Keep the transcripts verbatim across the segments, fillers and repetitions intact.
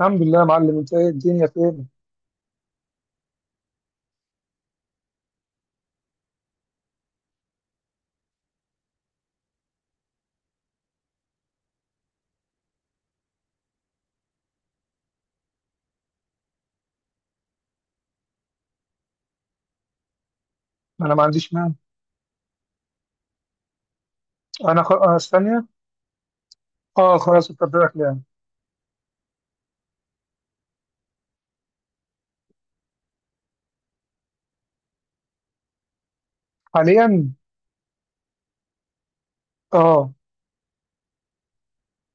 الحمد لله يا معلم، انت ايه؟ الدنيا فين؟ انا ما عنديش مانع. انا خ... آه، ثانية. اه خلاص، اتفقنا يعني. حاليا. اه.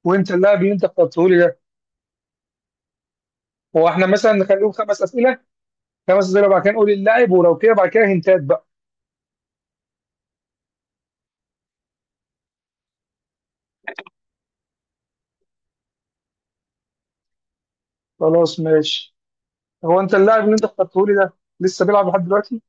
وانت اللاعب اللي انت اخترته لي ده، هو احنا مثلا نخليهم خمس اسئلة؟ خمس اسئلة بعد كده نقول اللاعب، ولو كده بعد كده هنتات بقى. خلاص ماشي. هو انت اللاعب اللي انت اخترته لي ده لسه بيلعب لحد دلوقتي؟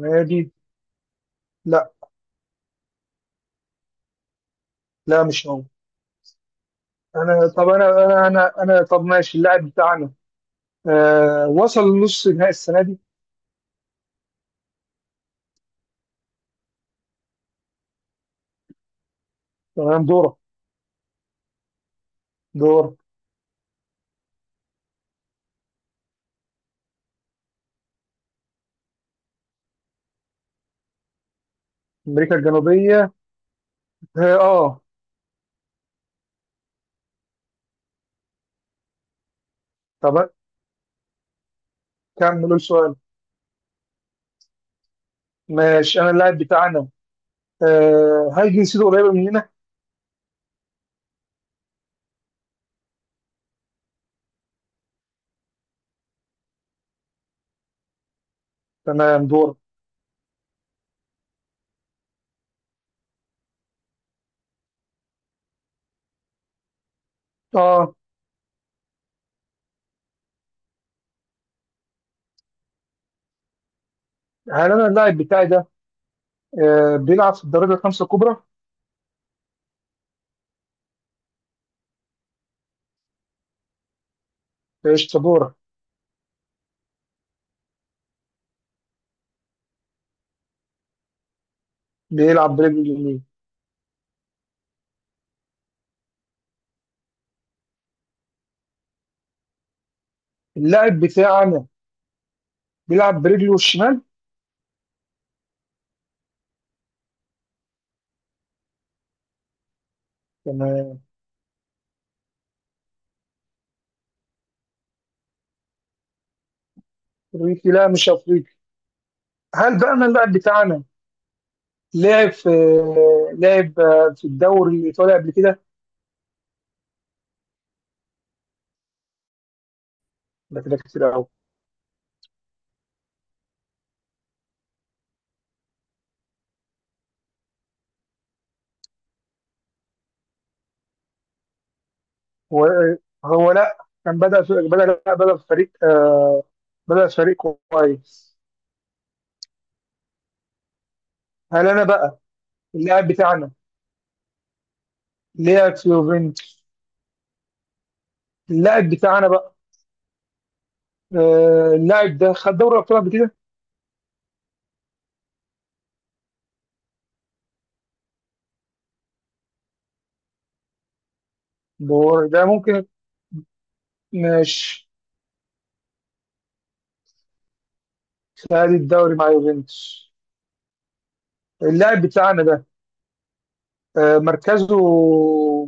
نادي؟ لا. لا مش هو. انا طب انا انا انا, أنا طب ماشي. اللاعب بتاعنا، آه وصل لنص نهائي السنة دي؟ تمام. دورة دورة. امريكا الجنوبية. اه. آه. طب كملوا السؤال. ماشي، انا اللاعب بتاعنا، آه هل جنسيته قريبه مننا؟ تمام. دور. اه. هل انا اللاعب بتاعي ده آه بيلعب في الدرجه الخمسه الكبرى؟ قشطه، دور. بيلعب برجله اليمين. اللاعب بتاعنا بيلعب برجله الشمال. تمام. افريقي؟ لا مش افريقي. هل بقى انا اللاعب بتاعنا لعب في لعب آه، في الدوري الايطالي قبل كده؟ ده كده كتير قوي. هو هو لا. كان بدأ في بدأ لا بدأ في فريق آه بدأ في فريق كويس. هل انا بقى اللاعب بتاعنا لعب في يوفنتوس؟ اللاعب بتاعنا بقى، آه، اللاعب ده خد دوري ابطال قبل كده؟ بور- ده ممكن. ماشي. خد الدوري مع يوفنتوس. اللاعب بتاعنا ده، آه، مركزه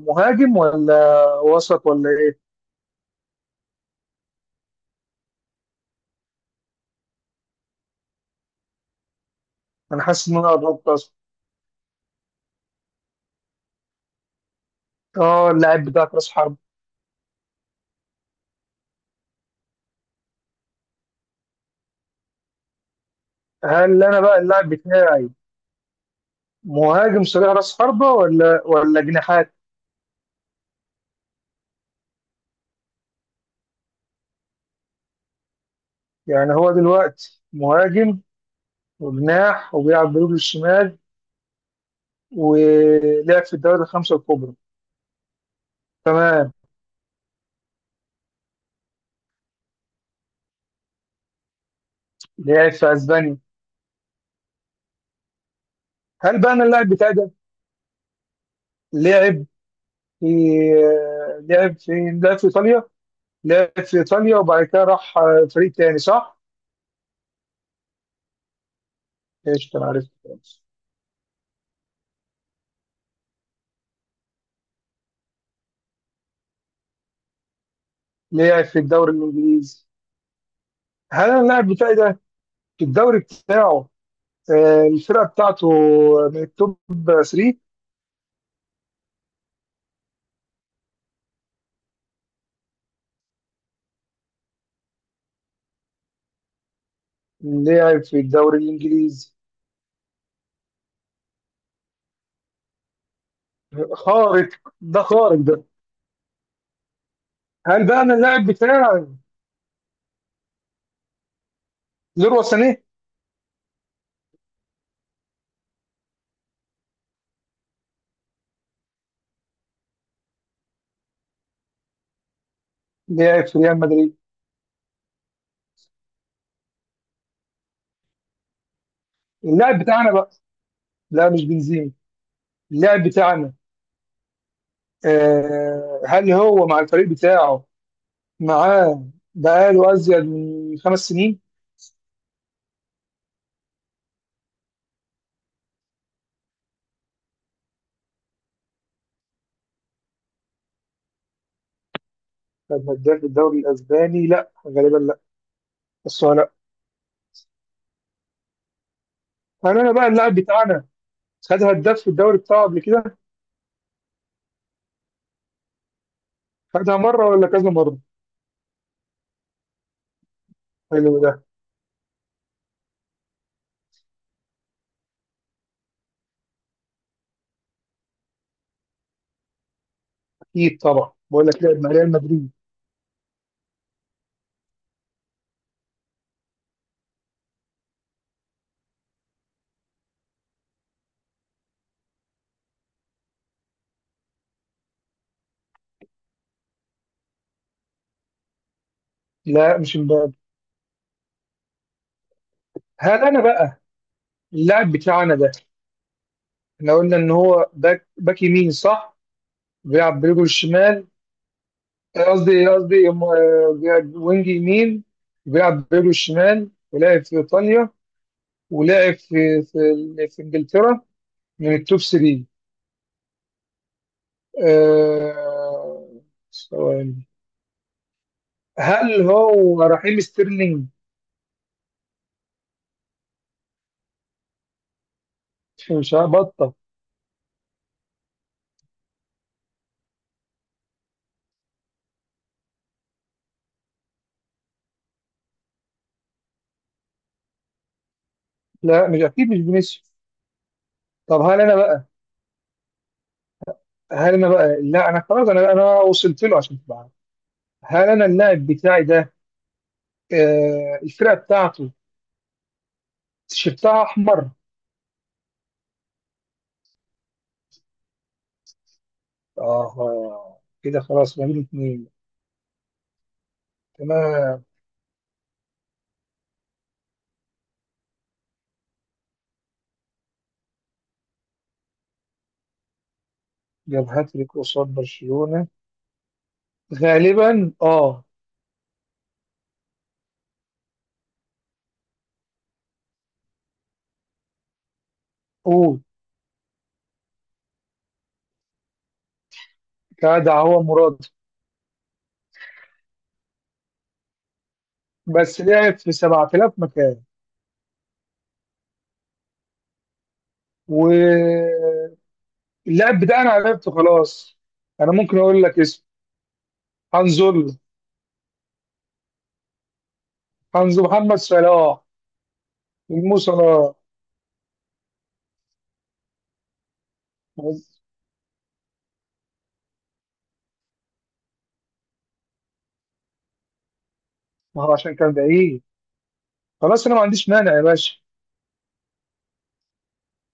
مهاجم ولا وسط ولا ايه؟ انا حاسس ان انا قربت اصلا. اه اللاعب بتاعك راس حرب. هل انا بقى اللاعب بتاعي مهاجم صريح راس حربة ولا ولا جناحات؟ يعني هو دلوقتي مهاجم وجناح وبيلعب برجله الشمال ولعب في الدوري الخمسه الكبرى. تمام. لعب في اسبانيا. هل بقى انا اللاعب بتاعي ده لعب في لعب في لعب في ايطاليا؟ لعب في ايطاليا وبعد كده راح فريق تاني، صح؟ ايش كان عارف. لعب في الدوري الانجليزي. هل انا اللاعب بتاعي ده في الدوري بتاعه، آه، الفرقه بتاعته من التوب تلاتة؟ لعب في الدوري الانجليزي. خارق، ده خارق ده. هل بقى انا اللاعب بتاعي ليروي سانيه؟ لعب في ريال مدريد. اللاعب بتاعنا بقى، لا مش بنزيما. اللاعب بتاعنا، آه هل هو مع الفريق بتاعه، معاه بقاله ازيد من خمس سنين؟ خد هداف الدوري الاسباني؟ لا غالبا لا. بس هو لا. هل انا بقى اللاعب بتاعنا خد هداف في الدوري بتاعه قبل كده؟ خدها مره ولا كذا مره؟ حلو ده. اكيد طبعا، بقول لك لعب مع ريال مدريد. لا مش امبابي. هل انا بقى اللاعب بتاعنا ده، احنا قلنا ان هو باك باك يمين، صح؟ بيلعب برجله الشمال. قصدي قصدي م- بيلعب وينج يمين. بيلعب بيرو الشمال ولعب في ايطاليا. ولعب في في, ال- في انجلترا من التوب تلاتة. آه، سؤال. هل هو رحيم ستيرلينج؟ مش هبطة. لا مش اكيد، مش فينيسيوس. طب هل انا بقى هل انا بقى لا انا خلاص، انا انا وصلت له عشان تبقى عارف. هل انا اللاعب بتاعي ده، آه، الفرقه بتاعته تيشيرتها احمر؟ اه كده خلاص ما بين اتنين. انا جاب هاتريك قصاد برشلونة؟ غالبا اه. قول. كده هو مراد. بس لعب في سبعة آلاف مكان. واللعب، ده انا عرفته خلاص. انا ممكن اقول لك اسم. هنزل هنزل محمد صلاح. المو صلاح. ما هو عشان كان بعيد. خلاص انا ما عنديش مانع يا باشا.